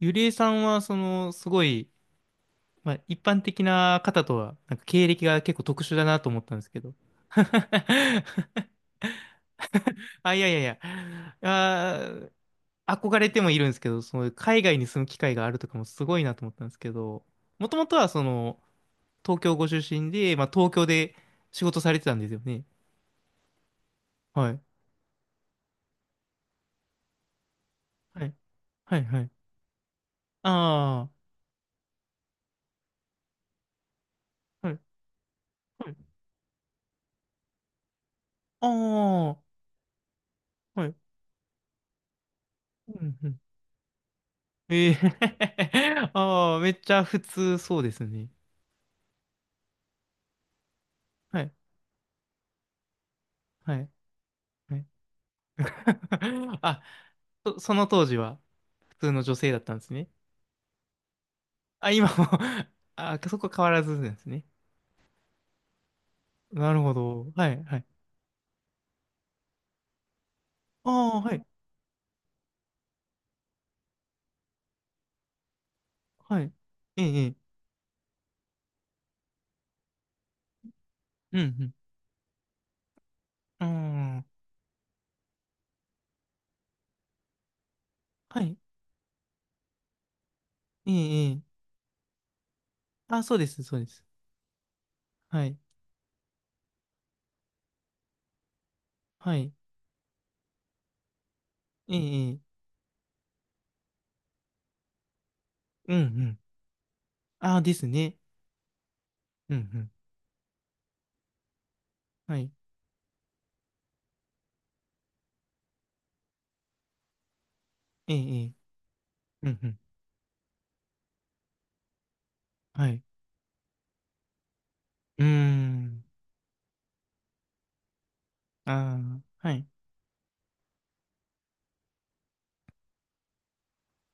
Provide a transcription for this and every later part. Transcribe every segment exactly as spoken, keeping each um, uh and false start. ゆりえさんは、その、すごい、まあ、一般的な方とは、なんか経歴が結構特殊だなと思ったんですけど。あ、いやいやいや。あー、憧れてもいるんですけど、その、海外に住む機会があるとかもすごいなと思ったんですけど、もともとは、その、東京ご出身で、まあ、東京で仕事されてたんですよね。はい。はい。はい、はい。ああ、はい。はい。ああ、はい。うん、うん。ええ。 ああ、めっちゃ普通そうですね。はい、はい、はい。あ、そ、その当時は普通の女性だったんですね。あ、今も。 あ、そこ変わらずんですね。なるほど。はい、はい。ああ、はい、はい。ええ、ええ。うん、うん。うーん。はい。ええ、ええ。あ、そうです、そうです。はい、はい。ええ、ええ。うん、うん。ああ、ですね。うん、うん。はい。ええ、ええ。うん、うん。はい。うーん。ああ、はい。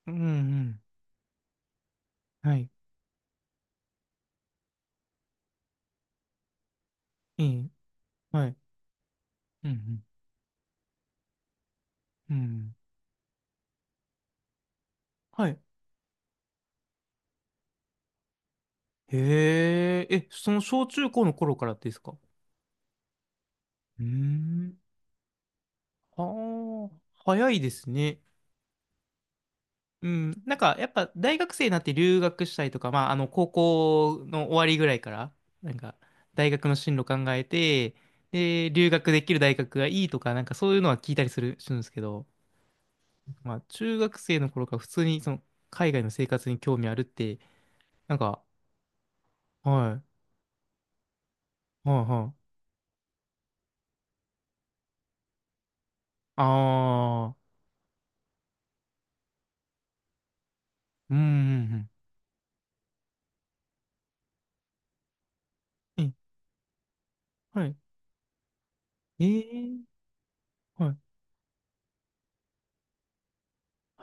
うん、うん。はい。ええ、はい。うん、うん。うん、はい。へえ、え、その小中高の頃からですか？うーん。はあ、早いですね。うん。なんか、やっぱ大学生になって留学したりとか、まあ、あの、高校の終わりぐらいから、なんか、大学の進路考えて、で、留学できる大学がいいとか、なんかそういうのは聞いたりする、するんですけど、まあ、中学生の頃から普通に、その、海外の生活に興味あるって、なんか、はい、はい、はい。ああ、うん、うん、うん。え、はい。ええ、はい。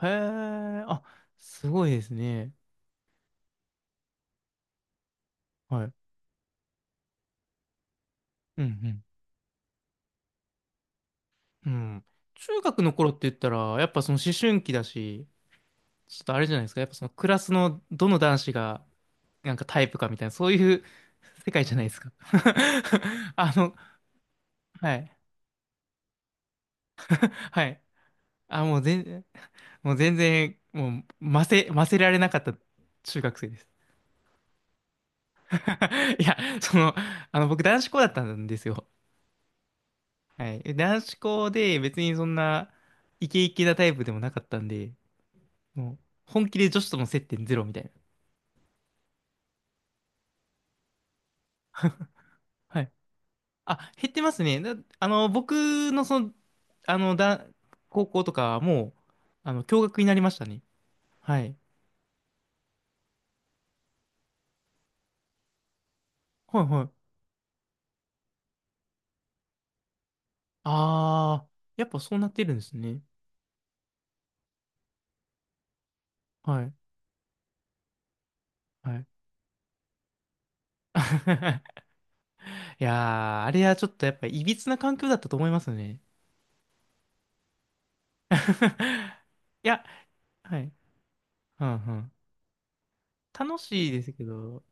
へえ、あ、すごいですね。はい。うん、うん。うん。中学の頃って言ったら、やっぱその思春期だし、ちょっとあれじゃないですか。やっぱそのクラスのどの男子がなんかタイプかみたいな、そういう 世界じゃないですか。あの、はい。はい。あ、もう全、もう全然、もう、ませ、ませられなかった中学生です。いや、その、あの、僕男子校だったんですよ。はい。え、男子校で別にそんなイケイケなタイプでもなかったんで、もう本気で女子との接点ゼロみたいな。はい。あ、減ってますね。だ、あの、僕のその、あの、だ、高校とかはもう、あの、共学になりましたね。はい。はいはい。あー、やっぱそうなってるんですね。はい。はい。いやー、あれはちょっとやっぱいびつな環境だったと思いますね。いや、はい。うんうん。楽しいですけど、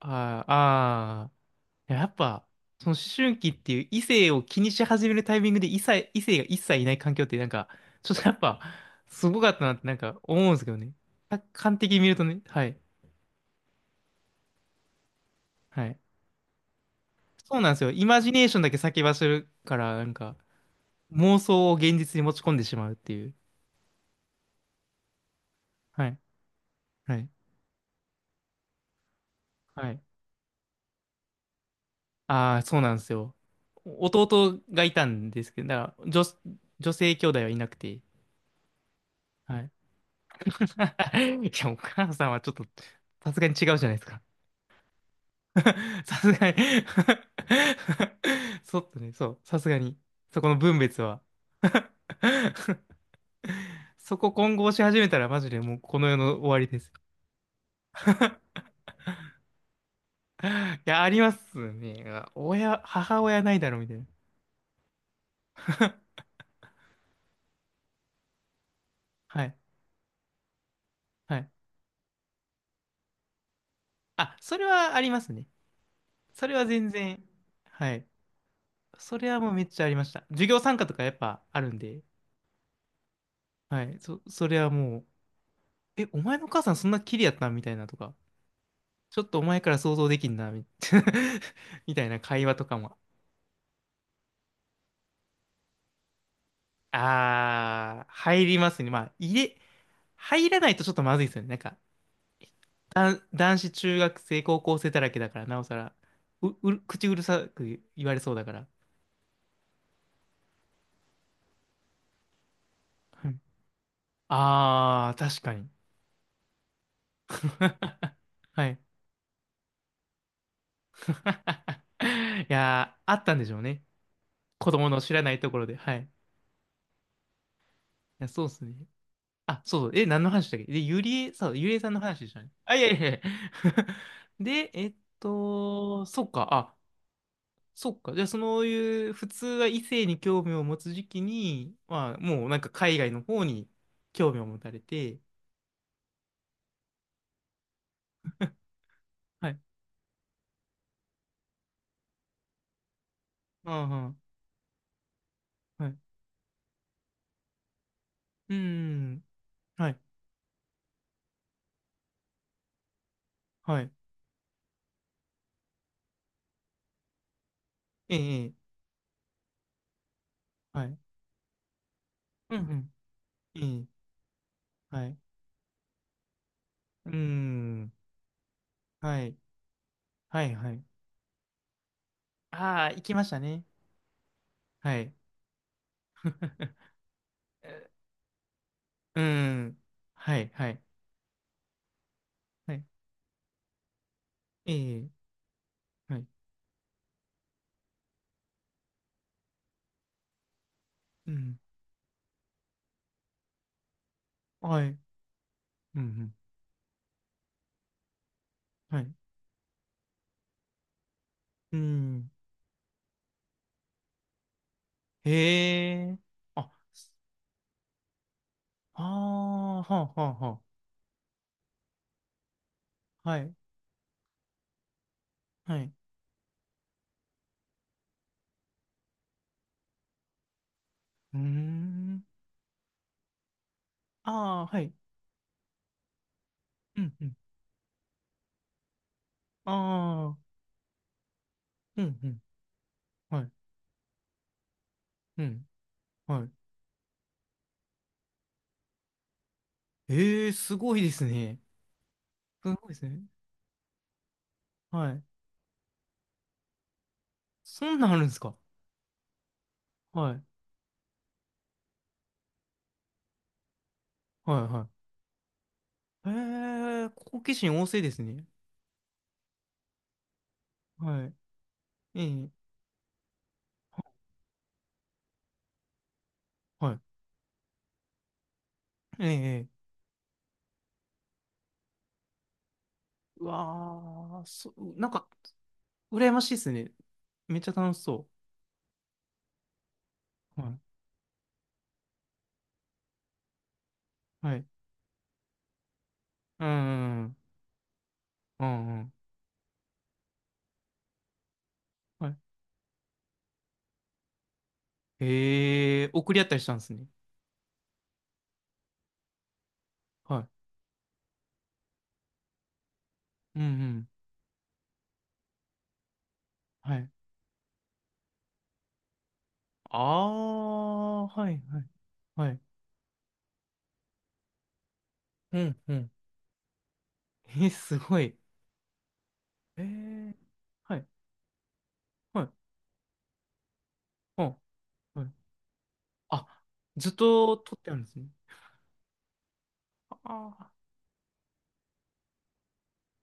ああ、あー、いややっぱ、その思春期っていう異性を気にし始めるタイミングで異性、異性が一切いない環境ってなんか、ちょっとやっぱ、すごかったなってなんか思うんですけどね。客観的に見るとね、はい、はい。そうなんですよ。イマジネーションだけ先走るから、なんか、妄想を現実に持ち込んでしまうっていう。はい、はい、はい。ああ、そうなんですよ。弟がいたんですけど、だから女、女性兄弟はいなくて、はい。 いや、お母さんはちょっと、さすがに違うじゃないですか。さすがに。 そっとね、そう、さすがに。そこの分別は。 そこ混合し始めたらマジでもうこの世の終わりです。いや、ありますね。親、母親ないだろ、みたいな。はい。はい。あ、それはありますね。それは全然。はい。それはもうめっちゃありました。授業参加とかやっぱあるんで。はい。そ、それはもう、え、お前のお母さんそんなキリやったんみたいなとか。ちょっとお前から想像できんな、み みたいな会話とかも。あー、入りますね。まあ、入れ、入らないとちょっとまずいですよね。なんか、だ男子中学生、高校生だらけだから、なおさら、う、うる、口うるさく言われそうだから。はい、あー、確かに。はい。いやー、あったんでしょうね。子供の知らないところで。はい。いや、そうっすね。あ、そう、え、何の話だっけで、ゆりえ、そう、ゆりえさんの話でしたね。あ、いやいやいや。で、えっと、そっか、あ、そっか。じゃあ、そういう、普通は異性に興味を持つ時期に、まあ、もうなんか海外の方に興味を持たれて、はい。ああ、はい。うーん。はい。はい。ええ、ええ、はい。うん、うん。ええ、はい。うーん。はい。はい、はい。ああ、行きましたね。はい。うーん。はい、はい。はい、ええ、はい。うん。はい。うん、うん。はい。うん。へえ。あ、ああ、はあ、はあ、はあ。はい。はい。うーん。ああ、はい。うん、うん。ああ、うん、うん。はい。うん。はい。ええ、すごいですね。すごいですね。はい。そんなんあるんですか？はい。はい、はい。へえ、好奇心旺盛ですね。はい。ええ。はい。ええ。うわあ、そ、なんか、羨ましいですね。めっちゃ楽しそう。はい。はい。うん、うん、うん、うん。はい。へえ、送り合ったりしたんですね。はい。うん、うん。はい。ああ、はい、はい。はい。うん、うん。え、すごい。えー、はい、はい、うん、はい。あ、ずっと撮ってあるんですね。あ